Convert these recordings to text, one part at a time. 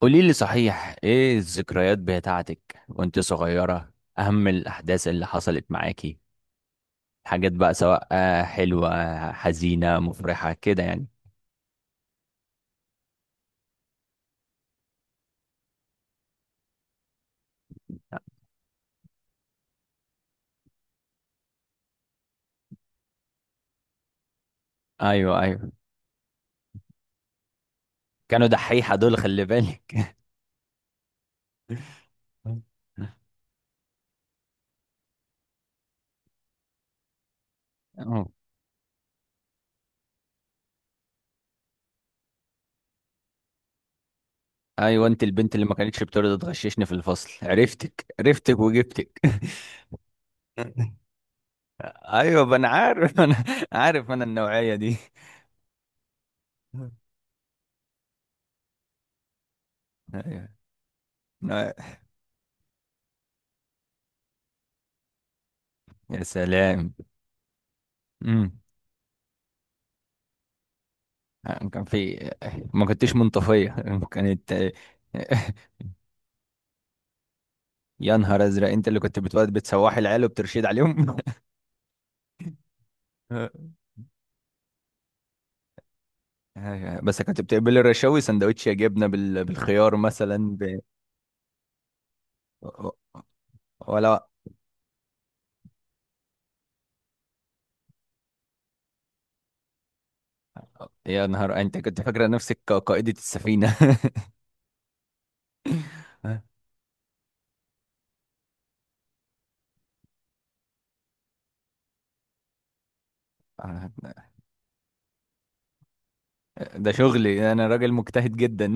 قولي لي، صحيح، ايه الذكريات بتاعتك وانت صغيرة؟ اهم الاحداث اللي حصلت معاكي، حاجات بقى سواء حلوة، حزينة، مفرحة، كده يعني. ايوه، ايوه، كانوا دحيحة دول، خلي بالك. أه. ايوه، انت البنت اللي ما كانتش بترضى تغششني في الفصل، عرفتك عرفتك وجبتك. ايوه، ما انا عارف انا النوعية دي. ايوه، يا سلام. يعني كان في، ما كنتش منطفية. كانت. يا نهار ازرق! انت اللي كنت بتقعد بتسوحي العيال وبترشد عليهم. أيوة، بس كنت بتقبلي الرشاوي سندوتش يا جبنة بالخيار مثلا. ولا! يا نهار، انت كنت فاكرة نفسك قائدة السفينة. آه، ده شغلي، انا راجل مجتهد جدا.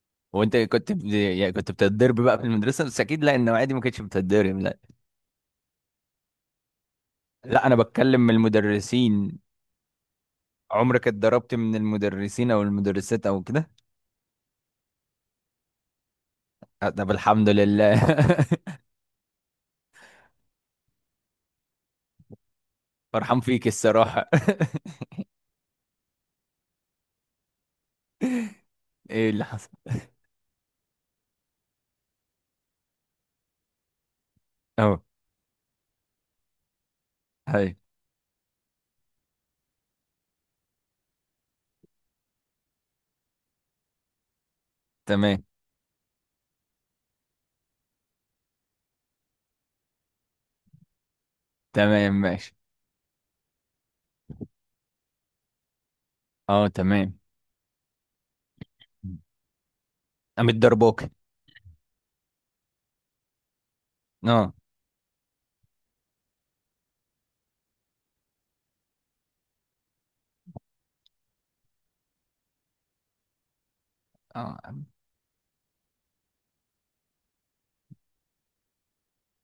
وانت يعني كنت بتتضرب بقى في المدرسة، بس اكيد لا، انه عادي ما كنتش بتتضرب، لا. لا، انا بتكلم من المدرسين. عمرك اتضربت من المدرسين او المدرسات او كده؟ آه، طب الحمد لله. فرحان فيك الصراحة. ايه اللي حصل؟ اه، هاي. تمام، تمام، ماشي. اه، تمام. قامت ضربوك؟ اه. اه،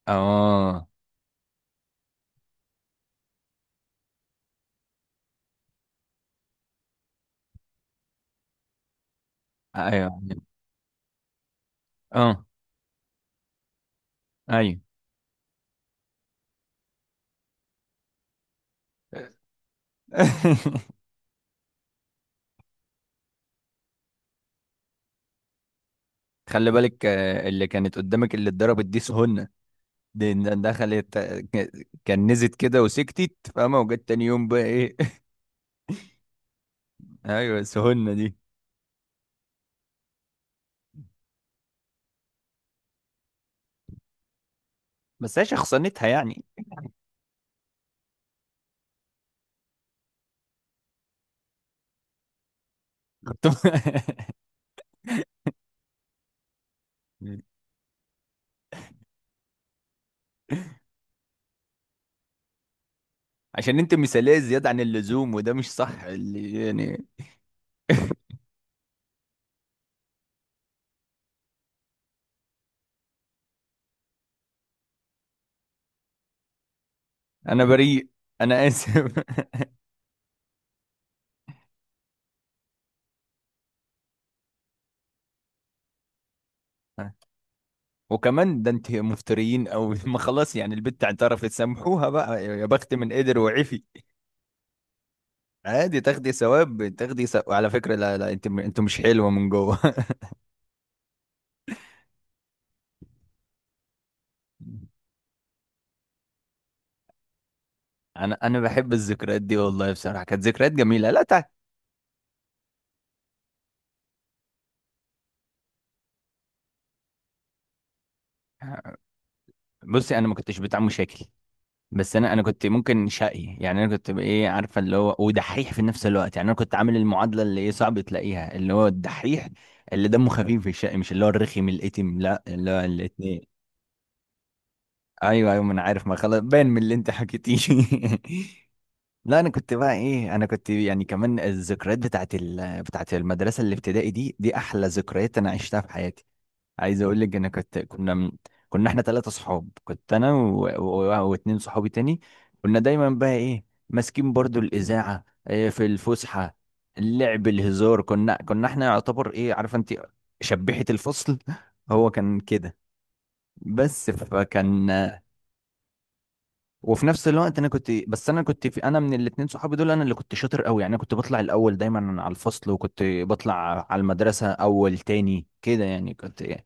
اه، ايوه، اه، ايوه. خلي بالك، اللي كانت قدامك، اللي اتضربت دي سهنة. دي دخلت، كنزت كده وسكتت، فاهمة؟ وجت تاني يوم بقى ايه؟ ايوه، سهنة دي. بس هي شخصنتها يعني. كنت. عشان انت مثالية زيادة عن اللزوم، وده مش صح اللي يعني. انا بريء، انا اسف. وكمان ده انت مفتريين او، ما خلاص يعني، البت اعترفت، سامحوها بقى، يا بخت من قدر وعفي. عادي، تاخدي ثواب، تاخدي ثواب على فكرة. لا، لا، انت مش حلوة من جوه. انا بحب الذكريات دي والله. بصراحة كانت ذكريات جميلة. لا. بصي، انا ما كنتش بتاع مشاكل. بس انا كنت ممكن شقي يعني، انا كنت ايه، عارفه، اللي هو ودحيح في نفس الوقت يعني، انا كنت عامل المعادله اللي ايه صعب تلاقيها، اللي هو الدحيح، اللي دمه خفيف في الشقي، مش اللي هو الرخم الاتم، لا، اللي هو الاتنين. ايوه، ايوه، ما انا عارف، ما خلاص، باين من اللي انت حكيتيه. لا، انا كنت بقى ايه، انا كنت يعني كمان الذكريات بتاعت المدرسه الابتدائي دي، دي احلى ذكريات انا عشتها في حياتي. عايز اقول لك، انا كنت كنا من... كنا احنا ثلاثه صحاب، كنت انا واتنين صحابي تاني. كنا دايما بقى ايه، ماسكين برضو الاذاعه، إيه، في الفسحه، اللعب، الهزار. كنا احنا يعتبر، ايه عارفه انت، شبيحه الفصل. هو كان كده. بس فكان وفي نفس الوقت انا كنت بس انا كنت في انا من الاتنين صحابي دول، انا اللي كنت شاطر قوي يعني. انا كنت بطلع الاول دايما على الفصل، وكنت بطلع على المدرسه اول تاني كده يعني، كنت.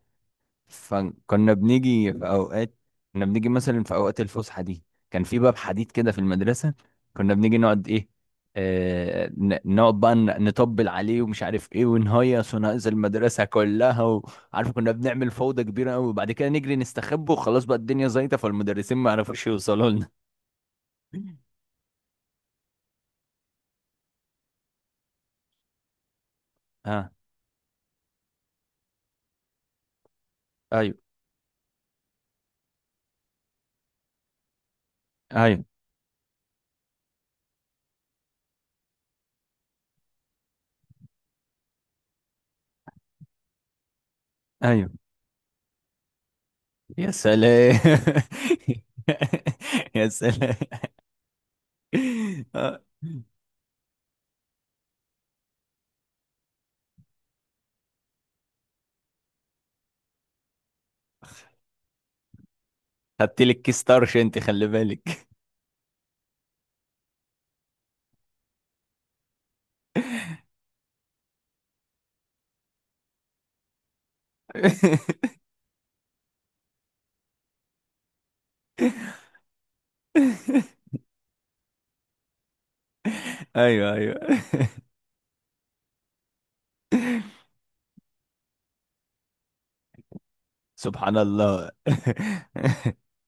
فكنا بنيجي في اوقات كنا بنيجي مثلا في اوقات الفسحه دي، كان في باب حديد كده في المدرسه، كنا بنيجي نقعد ايه، نقعد بقى، نطبل عليه ومش عارف ايه، ونهيص ونهيص المدرسه كلها، وعارف كنا بنعمل فوضى كبيره قوي، وبعد كده نجري نستخبى وخلاص، بقى الدنيا زيطه، فالمدرسين ما عرفوش يوصلوا لنا. اه، ايوه، ايوه، ايوه. يا سلام. يا سلام. آه. خدت لك كيس طرش انت، خلي بالك. ايوه، ايوه. سبحان الله.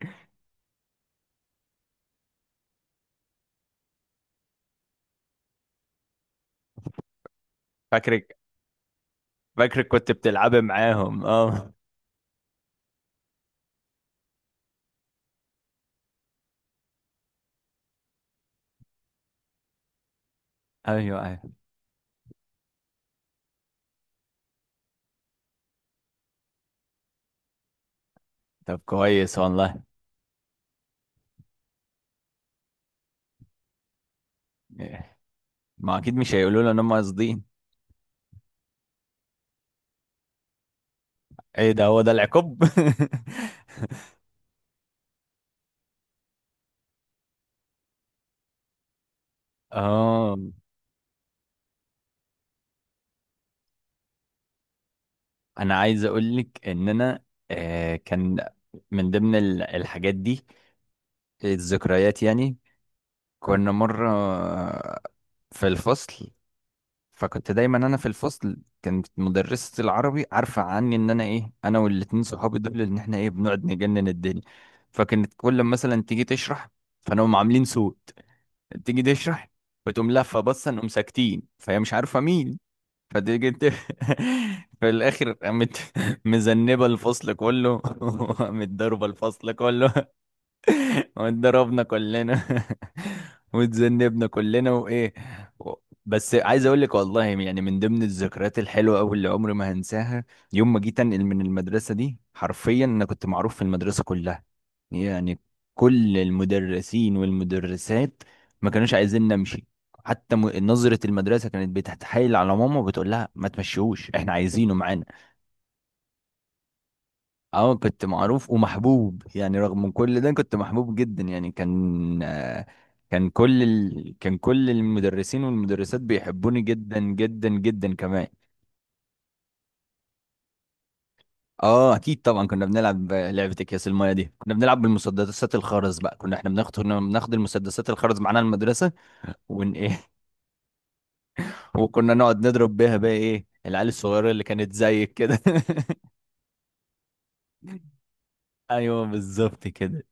فاكرك، فاكرك كنت بتلعبي معاهم، اه. ايوه، ايوه. طب كويس والله. ما اكيد مش هيقولوا لنا ان هم قاصدين. ايه ده؟ هو ده العقاب؟ اه، انا عايز اقول لك ان انا، كان من ضمن الحاجات دي، الذكريات يعني. كنا مره في الفصل، فكنت دايما انا في الفصل. كانت مدرسة العربي عارفة عني ان انا ايه، انا والاتنين صحابي دول، ان احنا ايه، بنقعد نجنن الدنيا. فكانت كل ما مثلا تيجي تشرح، فنقوم عاملين صوت، تيجي تشرح وتقوم لافة بصة، نقوم ساكتين، فهي مش عارفة مين. فتيجي ت- في الاخر قامت مذنبة الفصل كله، وقامت ضاربة الفصل كله. واتضربنا كلنا، واتذنبنا كلنا وايه و- بس عايز اقول لك والله يعني، من ضمن الذكريات الحلوه قوي اللي عمري ما هنساها، يوم ما جيت انقل من المدرسه دي، حرفيا انا كنت معروف في المدرسه كلها يعني. كل المدرسين والمدرسات ما كانوش عايزين نمشي، حتى نظرة المدرسة كانت بتتحايل على ماما وبتقول لها ما تمشيهوش، احنا عايزينه معانا. اه، كنت معروف ومحبوب يعني، رغم من كل ده كنت محبوب جدا يعني. كان آه، كان كل ال... كان كل المدرسين والمدرسات بيحبوني جدا جدا جدا كمان. اه، اكيد طبعا كنا بنلعب لعبة اكياس المايه دي، كنا بنلعب بالمسدسات الخرز بقى، كنا بناخد المسدسات الخرز معانا المدرسة، ون ايه. وكنا نقعد نضرب بيها بقى ايه العيال الصغيرة اللي كانت زيك كده. ايوه بالظبط كده.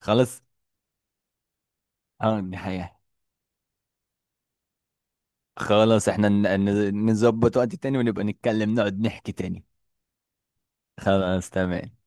خلاص. اه، دي حقيقة. خلاص، احنا نظبط وقت تاني ونبقى نتكلم، نقعد نحكي تاني. خلاص، تمام.